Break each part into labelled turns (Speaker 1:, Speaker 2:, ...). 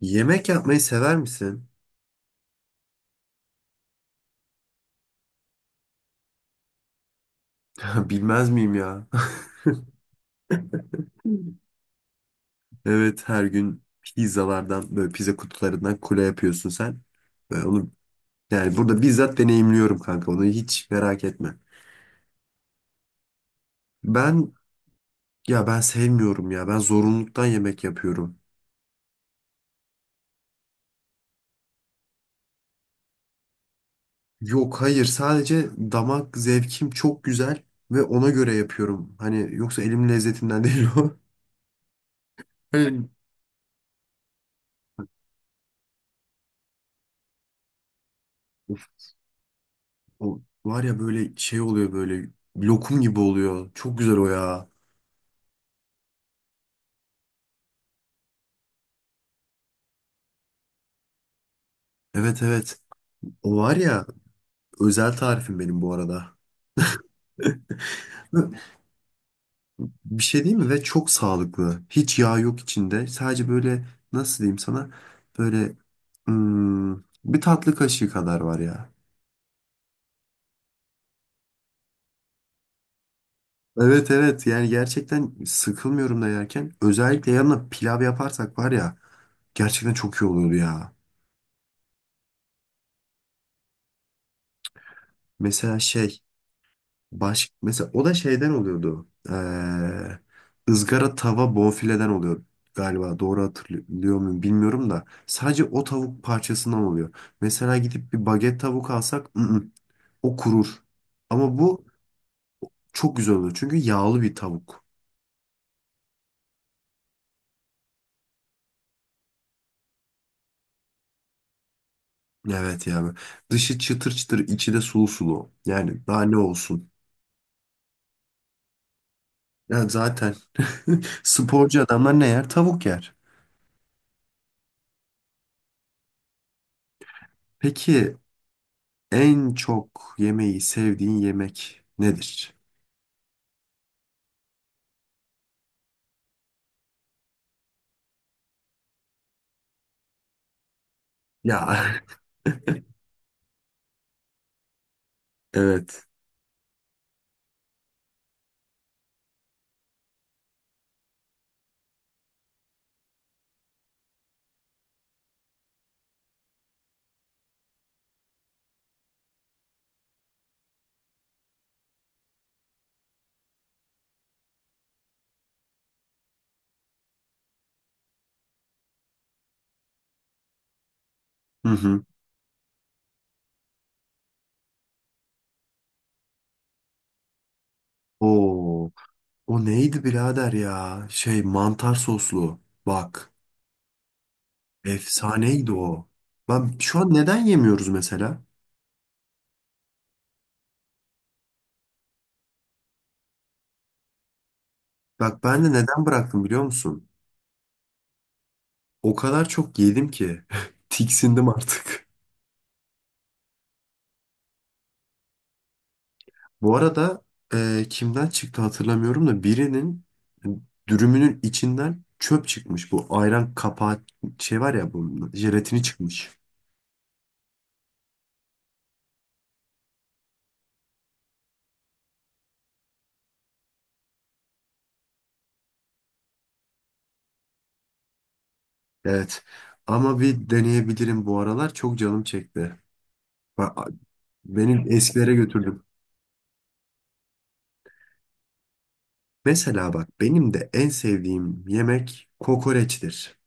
Speaker 1: Yemek yapmayı sever misin? Bilmez miyim ya? Evet her gün pizzalardan böyle pizza kutularından kule yapıyorsun sen. Ve onu yani burada bizzat deneyimliyorum kanka onu hiç merak etme. Ben ya ben sevmiyorum ya ben zorunluluktan yemek yapıyorum. Yok hayır sadece damak zevkim çok güzel ve ona göre yapıyorum. Hani yoksa elimin lezzetinden değil o. Hani of, o var ya böyle şey oluyor böyle lokum gibi oluyor. Çok güzel o ya. Evet, evet. O var ya özel tarifim benim bu arada. Ve bir şey değil mi? Ve çok sağlıklı. Hiç yağ yok içinde. Sadece böyle nasıl diyeyim sana? Böyle hmm, bir tatlı kaşığı kadar var ya. Evet, evet, yani gerçekten sıkılmıyorum da yerken. Özellikle yanına pilav yaparsak var ya gerçekten çok iyi oluyordu ya. Mesela mesela o da şeyden oluyordu. Izgara tava bonfileden oluyor galiba. Doğru hatırlıyor muyum bilmiyorum da. Sadece o tavuk parçasından oluyor. Mesela gidip bir baget tavuk alsak o kurur. Ama bu çok güzel oluyor. Çünkü yağlı bir tavuk. Evet yani. Dışı çıtır çıtır, içi de sulu sulu. Yani daha ne olsun? Ya zaten sporcu adamlar ne yer? Tavuk yer. Peki en çok yemeği sevdiğin yemek nedir? Ya evet. Hı hı. Oo, o neydi birader ya? Şey mantar soslu. Bak, efsaneydi o. Ben şu an neden yemiyoruz mesela? Bak ben de neden bıraktım biliyor musun? O kadar çok yedim ki tiksindim artık. Bu arada kimden çıktı hatırlamıyorum da birinin dürümünün içinden çöp çıkmış. Bu ayran kapağı şey var ya bunun jelatini çıkmış. Evet. Ama bir deneyebilirim bu aralar. Çok canım çekti. Ba- Beni eskilere götürdüm. Mesela bak benim de en sevdiğim yemek kokoreçtir.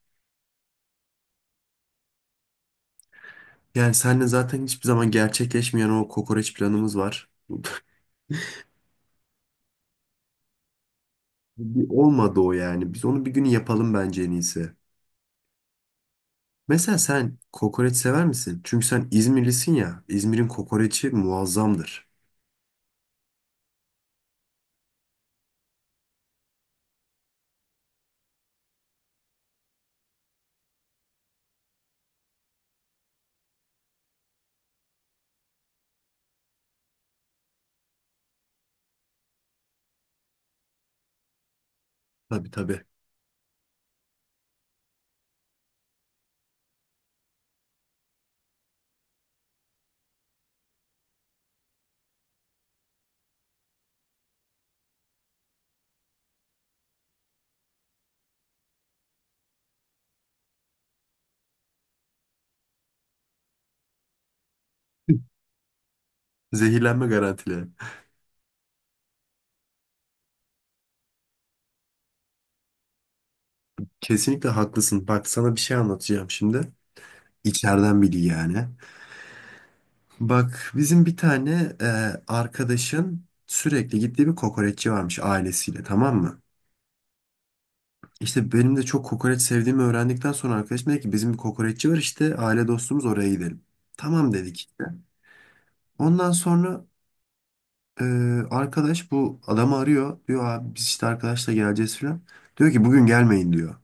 Speaker 1: Yani seninle zaten hiçbir zaman gerçekleşmeyen o kokoreç planımız var. Bir olmadı o yani. Biz onu bir gün yapalım bence en iyisi. Mesela sen kokoreç sever misin? Çünkü sen İzmirlisin ya. İzmir'in kokoreçi muazzamdır. Tabii, tabii. Zehirlenme garantili. Kesinlikle haklısın. Bak sana bir şey anlatacağım şimdi. İçeriden biri yani. Bak bizim bir tane arkadaşın sürekli gittiği bir kokoreççi varmış ailesiyle, tamam mı? İşte benim de çok kokoreç sevdiğimi öğrendikten sonra arkadaşım dedi ki bizim bir kokoreççi var işte aile dostumuz, oraya gidelim. Tamam dedik işte. Ondan sonra e, arkadaş bu adamı arıyor. Diyor abi biz işte arkadaşla geleceğiz falan. Diyor ki bugün gelmeyin diyor.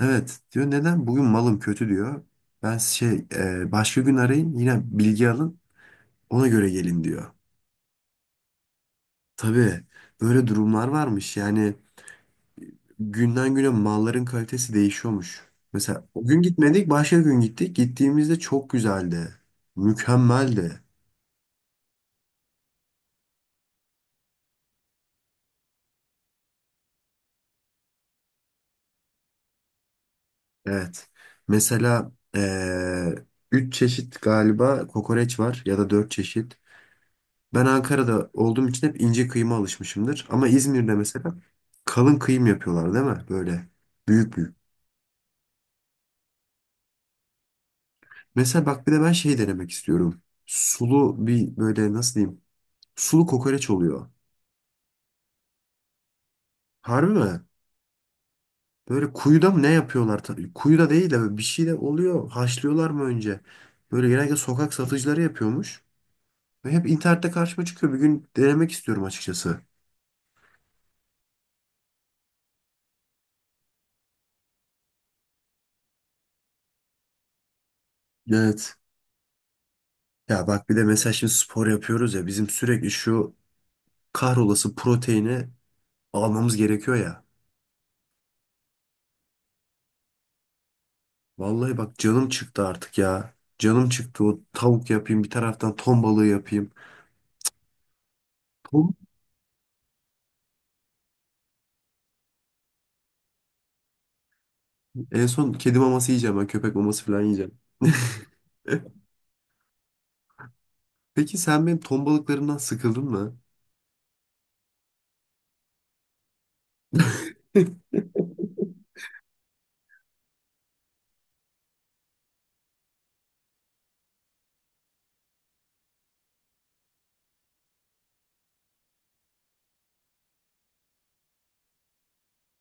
Speaker 1: Evet diyor, neden? Bugün malım kötü diyor. Ben başka gün arayın yine bilgi alın, ona göre gelin diyor. Tabii böyle durumlar varmış. Yani günden güne malların kalitesi değişiyormuş. Mesela o gün gitmedik, başka gün gittik. Gittiğimizde çok güzeldi. Mükemmeldi. Evet. Mesela üç çeşit galiba kokoreç var, ya da dört çeşit. Ben Ankara'da olduğum için hep ince kıyma alışmışımdır. Ama İzmir'de mesela kalın kıyım yapıyorlar değil mi? Böyle büyük büyük. Mesela bak bir de ben şey denemek istiyorum. Sulu bir böyle nasıl diyeyim? Sulu kokoreç oluyor. Harbi mi? Böyle kuyuda mı ne yapıyorlar? Ta- kuyuda değil de böyle bir şey de oluyor. Haşlıyorlar mı önce? Böyle genelde sokak satıcıları yapıyormuş. Ve hep internette karşıma çıkıyor. Bir gün denemek istiyorum açıkçası. Evet. Ya bak bir de mesela şimdi spor yapıyoruz ya. Bizim sürekli şu kahrolası proteini almamız gerekiyor ya. Vallahi bak canım çıktı artık ya. Canım çıktı, o tavuk yapayım bir taraftan ton balığı yapayım. Ton- En son kedi maması yiyeceğim ben, köpek maması falan yiyeceğim. Peki sen benim ton balıklarından sıkıldın mı?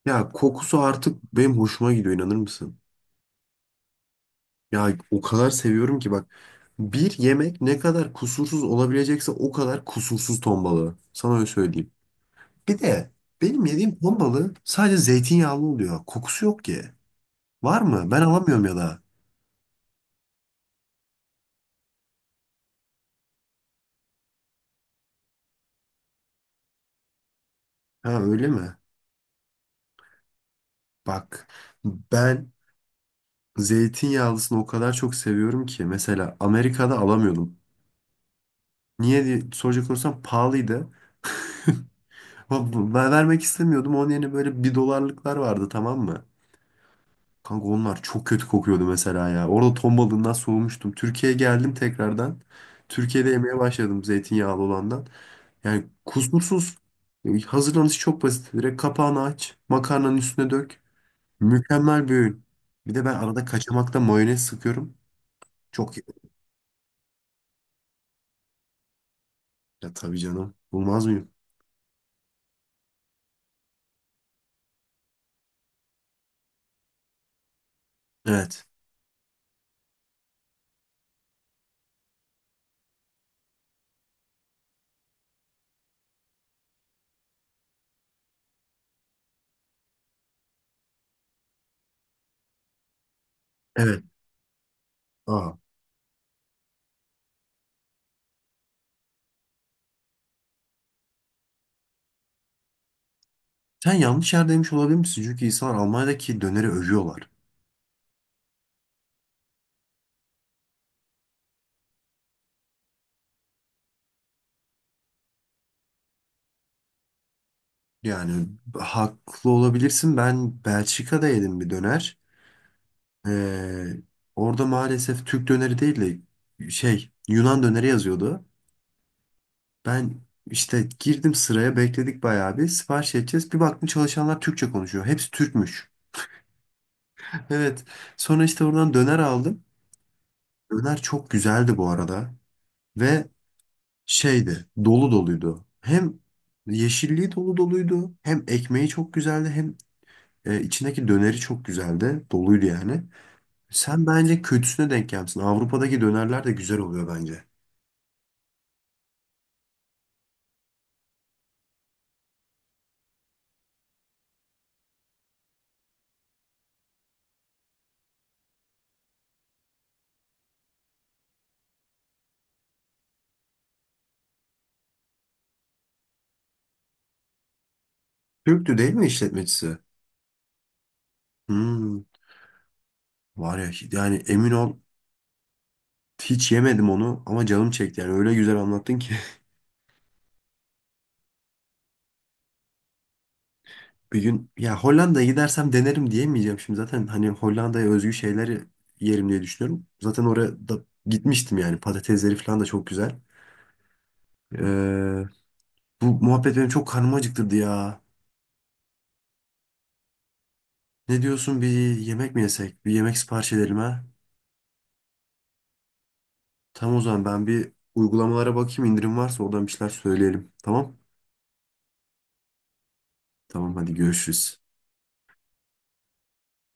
Speaker 1: Ya kokusu artık benim hoşuma gidiyor inanır mısın? Ya o kadar seviyorum ki bak. Bir yemek ne kadar kusursuz olabilecekse o kadar kusursuz ton balığı. Sana öyle söyleyeyim. Bir de benim yediğim ton balığı sadece zeytinyağlı oluyor. Kokusu yok ki. Var mı? Ben alamıyorum ya da. Ha öyle mi? Bak ben zeytinyağlısını o kadar çok seviyorum ki. Mesela Amerika'da alamıyordum. Niye diye soracak olursam pahalıydı. Ama Ben vermek istemiyordum. Onun yerine böyle bir dolarlıklar vardı, tamam mı? Kanka onlar çok kötü kokuyordu mesela ya. Orada ton balığından soğumuştum. Türkiye'ye geldim tekrardan. Türkiye'de yemeye başladım zeytinyağlı olandan. Yani kusursuz. Hazırlanışı çok basit. Direkt kapağını aç. Makarnanın üstüne dök. Mükemmel bir öğün. Bir de ben arada kaçamakta mayonez sıkıyorum. Çok iyi. Ya tabii canım. Bulmaz mıyım? Evet. Evet. Aa. Sen yanlış yerdeymiş olabilir misin? Çünkü insanlar Almanya'daki döneri övüyorlar. Yani haklı olabilirsin. Ben Belçika'da yedim bir döner. Ee, orada maalesef Türk döneri değil de şey Yunan döneri yazıyordu. Ben işte girdim sıraya, bekledik bayağı bir sipariş edeceğiz. Bir baktım çalışanlar Türkçe konuşuyor. Hepsi Türkmüş. Evet. Sonra işte oradan döner aldım. Döner çok güzeldi bu arada. Ve şeydi, dolu doluydu. Hem yeşilliği dolu doluydu. Hem ekmeği çok güzeldi. Hem içindeki döneri çok güzeldi. Doluydu yani. Sen bence kötüsüne denk gelmişsin. Avrupa'daki dönerler de güzel oluyor bence. Türktü değil mi işletmecisi? Hmm, var ya yani emin ol, hiç yemedim onu ama canım çekti yani öyle güzel anlattın ki. Bir gün ya Hollanda'ya gidersem denerim diyemeyeceğim şimdi zaten, hani Hollanda'ya özgü şeyleri yerim diye düşünüyorum. Zaten oraya da gitmiştim yani, patatesleri falan da çok güzel. Ee, bu muhabbet benim çok karnımı acıktırdı ya. Ne diyorsun, bir yemek mi yesek? Bir yemek sipariş edelim ha? Tamam o zaman ben bir uygulamalara bakayım indirim varsa oradan bir şeyler söyleyelim. Tamam? Tamam hadi görüşürüz.